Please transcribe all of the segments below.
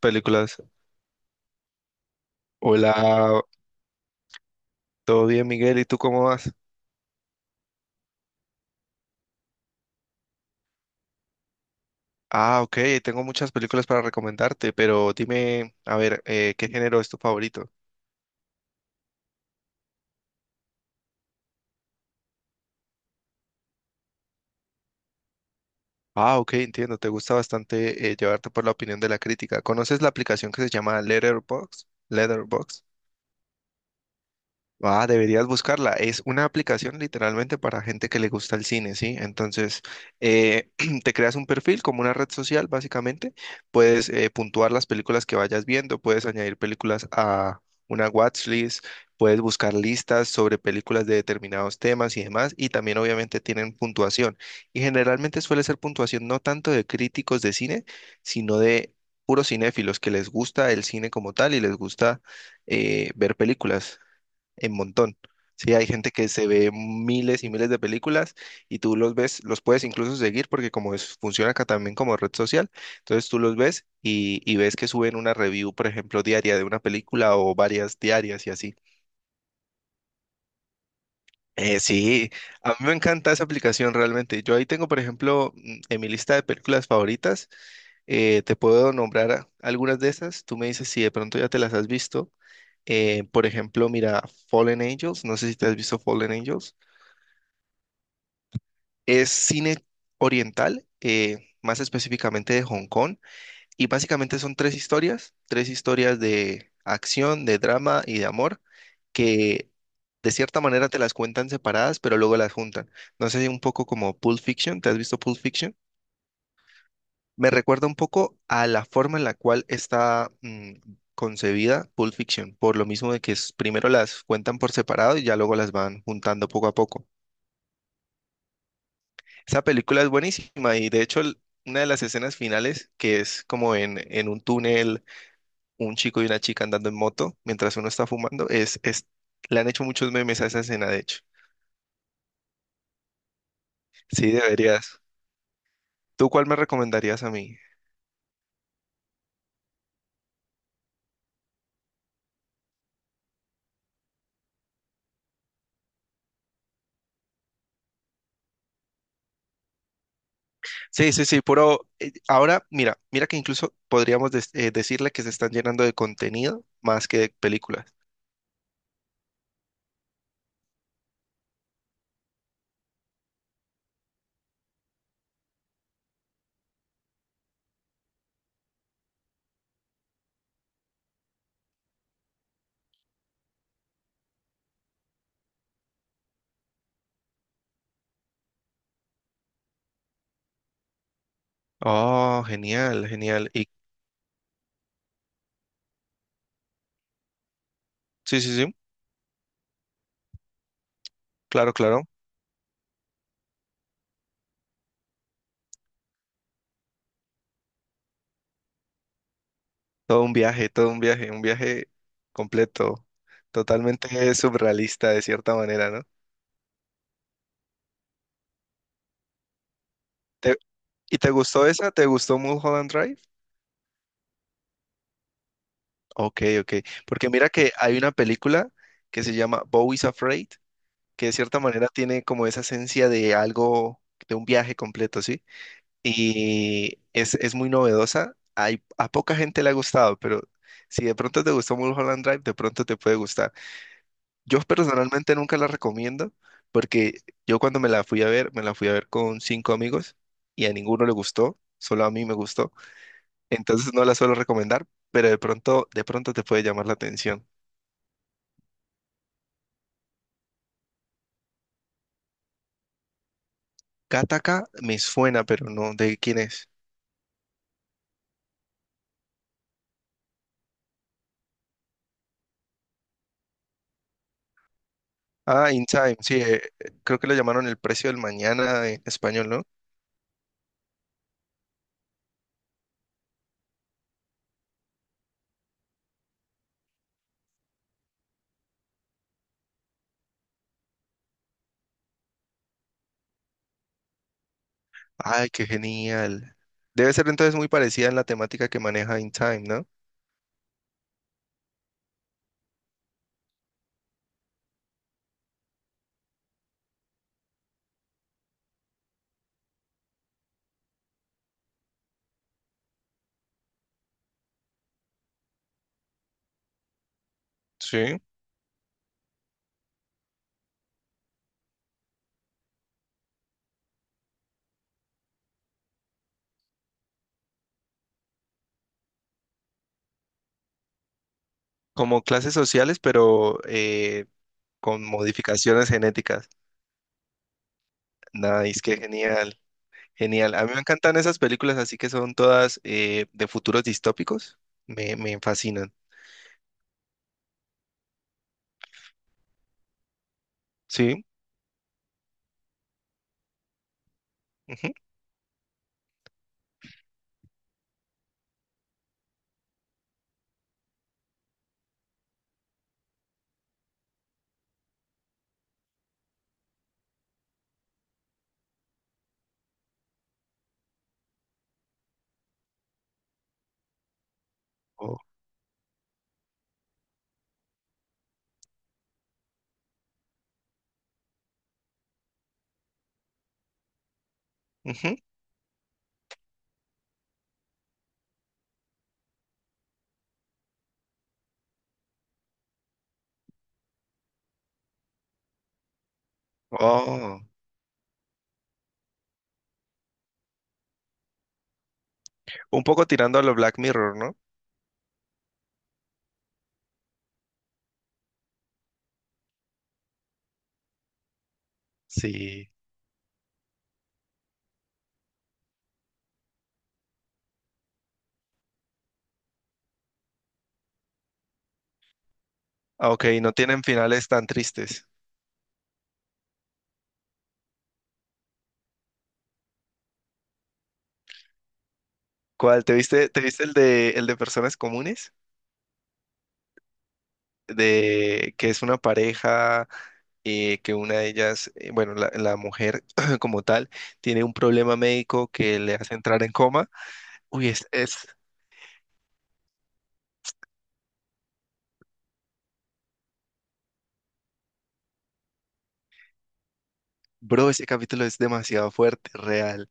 Películas. Hola, ¿todo bien, Miguel? ¿Y tú cómo vas? Ah, ok, tengo muchas películas para recomendarte, pero dime, a ver, ¿qué género es tu favorito? Ah, ok, entiendo, te gusta bastante llevarte por la opinión de la crítica. ¿Conoces la aplicación que se llama Letterboxd? Letterboxd. Ah, deberías buscarla. Es una aplicación literalmente para gente que le gusta el cine, ¿sí? Entonces, eh, te creas un perfil como una red social, básicamente. Puedes puntuar las películas que vayas viendo, puedes añadir películas a una watchlist, puedes buscar listas sobre películas de determinados temas y demás, y también obviamente tienen puntuación. Y generalmente suele ser puntuación no tanto de críticos de cine, sino de puros cinéfilos que les gusta el cine como tal y les gusta ver películas en montón. Sí, hay gente que se ve miles y miles de películas, y tú los ves, los puedes incluso seguir porque como es, funciona acá también como red social, entonces tú los ves y ves que suben una review, por ejemplo, diaria de una película o varias diarias y así. Sí, a mí me encanta esa aplicación realmente. Yo ahí tengo, por ejemplo, en mi lista de películas favoritas, te puedo nombrar algunas de esas. Tú me dices si de pronto ya te las has visto. Por ejemplo, mira, Fallen Angels, no sé si te has visto Fallen Angels. Es cine oriental, más específicamente de Hong Kong, y básicamente son tres historias de acción, de drama y de amor, que de cierta manera te las cuentan separadas, pero luego las juntan. No sé, si un poco como Pulp Fiction, ¿te has visto Pulp Fiction? Me recuerda un poco a la forma en la cual está concebida Pulp Fiction, por lo mismo de que primero las cuentan por separado y ya luego las van juntando poco a poco. Esa película es buenísima y de hecho una de las escenas finales, que es como en un túnel, un chico y una chica andando en moto mientras uno está fumando, es, le han hecho muchos memes a esa escena, de hecho. Sí, deberías. ¿Tú cuál me recomendarías a mí? Sí, sí, sí, pero ahora mira, mira que incluso podríamos decirle que se están llenando de contenido más que de películas. Oh, genial, genial. Y sí, sí, sí, claro, claro. Todo un viaje completo, totalmente surrealista de cierta manera, ¿no? ¿Te- ¿Y te gustó esa? ¿Te gustó Mulholland Drive? Ok, ok, porque mira que hay una película que se llama Bo is Afraid, que de cierta manera tiene como esa esencia de algo, de un viaje completo, ¿sí? Y es muy novedosa, hay, a poca gente le ha gustado, pero si de pronto te gustó Mulholland Drive, de pronto te puede gustar. Yo personalmente nunca la recomiendo porque yo cuando me la fui a ver, me la fui a ver con cinco amigos y a ninguno le gustó, solo a mí me gustó. Entonces no la suelo recomendar, pero de pronto te puede llamar la atención. Gattaca me suena, pero no, ¿de quién es? Ah, In Time, sí, creo que lo llamaron El Precio del Mañana en español, ¿no? Ay, qué genial. Debe ser entonces muy parecida en la temática que maneja In Time, ¿no? Sí. Como clases sociales, pero con modificaciones genéticas. Nice, qué genial, genial. A mí me encantan esas películas así que son todas de futuros distópicos. Me fascinan. Sí. Ujú. Oh. Ujú. Oh. Un poco tirando a lo Black Mirror, ¿no? Sí. Ah, ok, no tienen finales tan tristes. ¿Cuál? Te viste el de personas comunes? De que es una pareja que una de ellas, bueno, la mujer como tal, tiene un problema médico que le hace entrar en coma. Uy, es, es. Bro, ese capítulo es demasiado fuerte, real.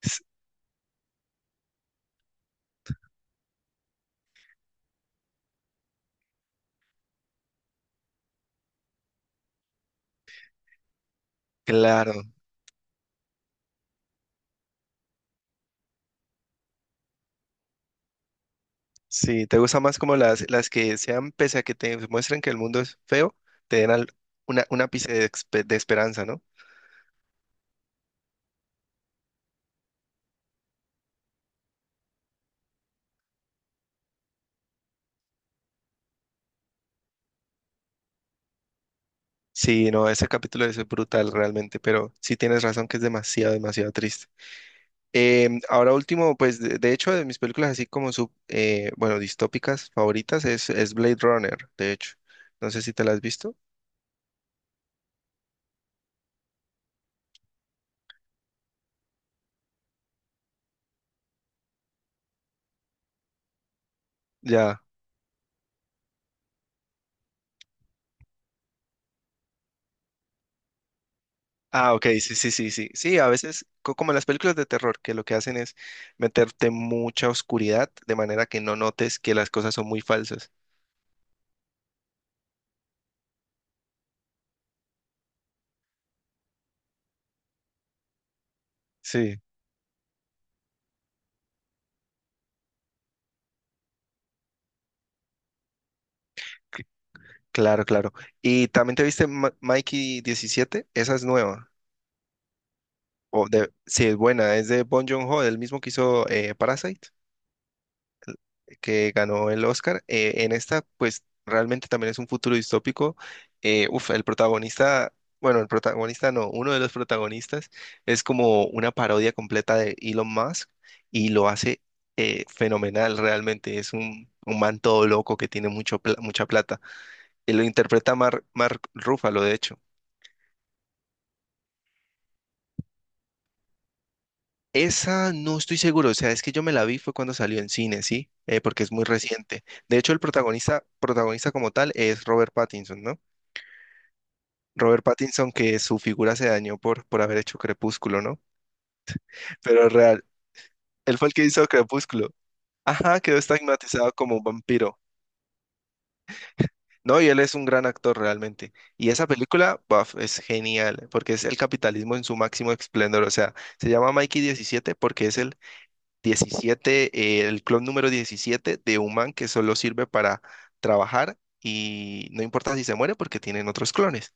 S- Claro. Sí, ¿te gusta más como las que sean, pese a que te muestren que el mundo es feo, te den una, un ápice de, de esperanza, ¿no? Sí, no, ese capítulo es brutal realmente, pero sí tienes razón que es demasiado, demasiado triste. Ahora último, pues de hecho de mis películas así como bueno, distópicas favoritas es Blade Runner, de hecho. No sé si te la has visto. Ya. Ah, ok, sí, sí, sí, sí. Sí, a veces, como en las películas de terror, que lo que hacen es meterte mucha oscuridad de manera que no notes que las cosas son muy falsas. Sí. C- Claro, claro. ¿Y también te viste Mikey 17? Esa es nueva. O de, sí, es buena, es de Bong Joon-ho, el mismo que hizo Parasite, que ganó el Oscar. En esta, pues realmente también es un futuro distópico. Uf, el protagonista, bueno, el protagonista no, uno de los protagonistas es como una parodia completa de Elon Musk y lo hace fenomenal realmente. Es un man todo loco que tiene mucha plata. Y lo interpreta Mark Ruffalo, de hecho. Esa no estoy seguro, o sea, es que yo me la vi fue cuando salió en cine, ¿sí? Porque es muy reciente. De hecho, protagonista como tal es Robert Pattinson, ¿no? Robert Pattinson, que su figura se dañó por haber hecho Crepúsculo, ¿no? Pero real, él fue el que hizo Crepúsculo. Ajá, quedó estigmatizado como un vampiro. No, y él es un gran actor realmente. Y esa película, buf, es genial, porque es el capitalismo en su máximo esplendor. O sea, se llama Mikey 17 porque es el 17, el clon número 17 de un man que solo sirve para trabajar y no importa si se muere porque tienen otros clones.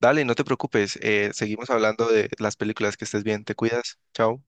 Dale, no te preocupes, seguimos hablando de las películas, que estés bien, te cuidas, chao.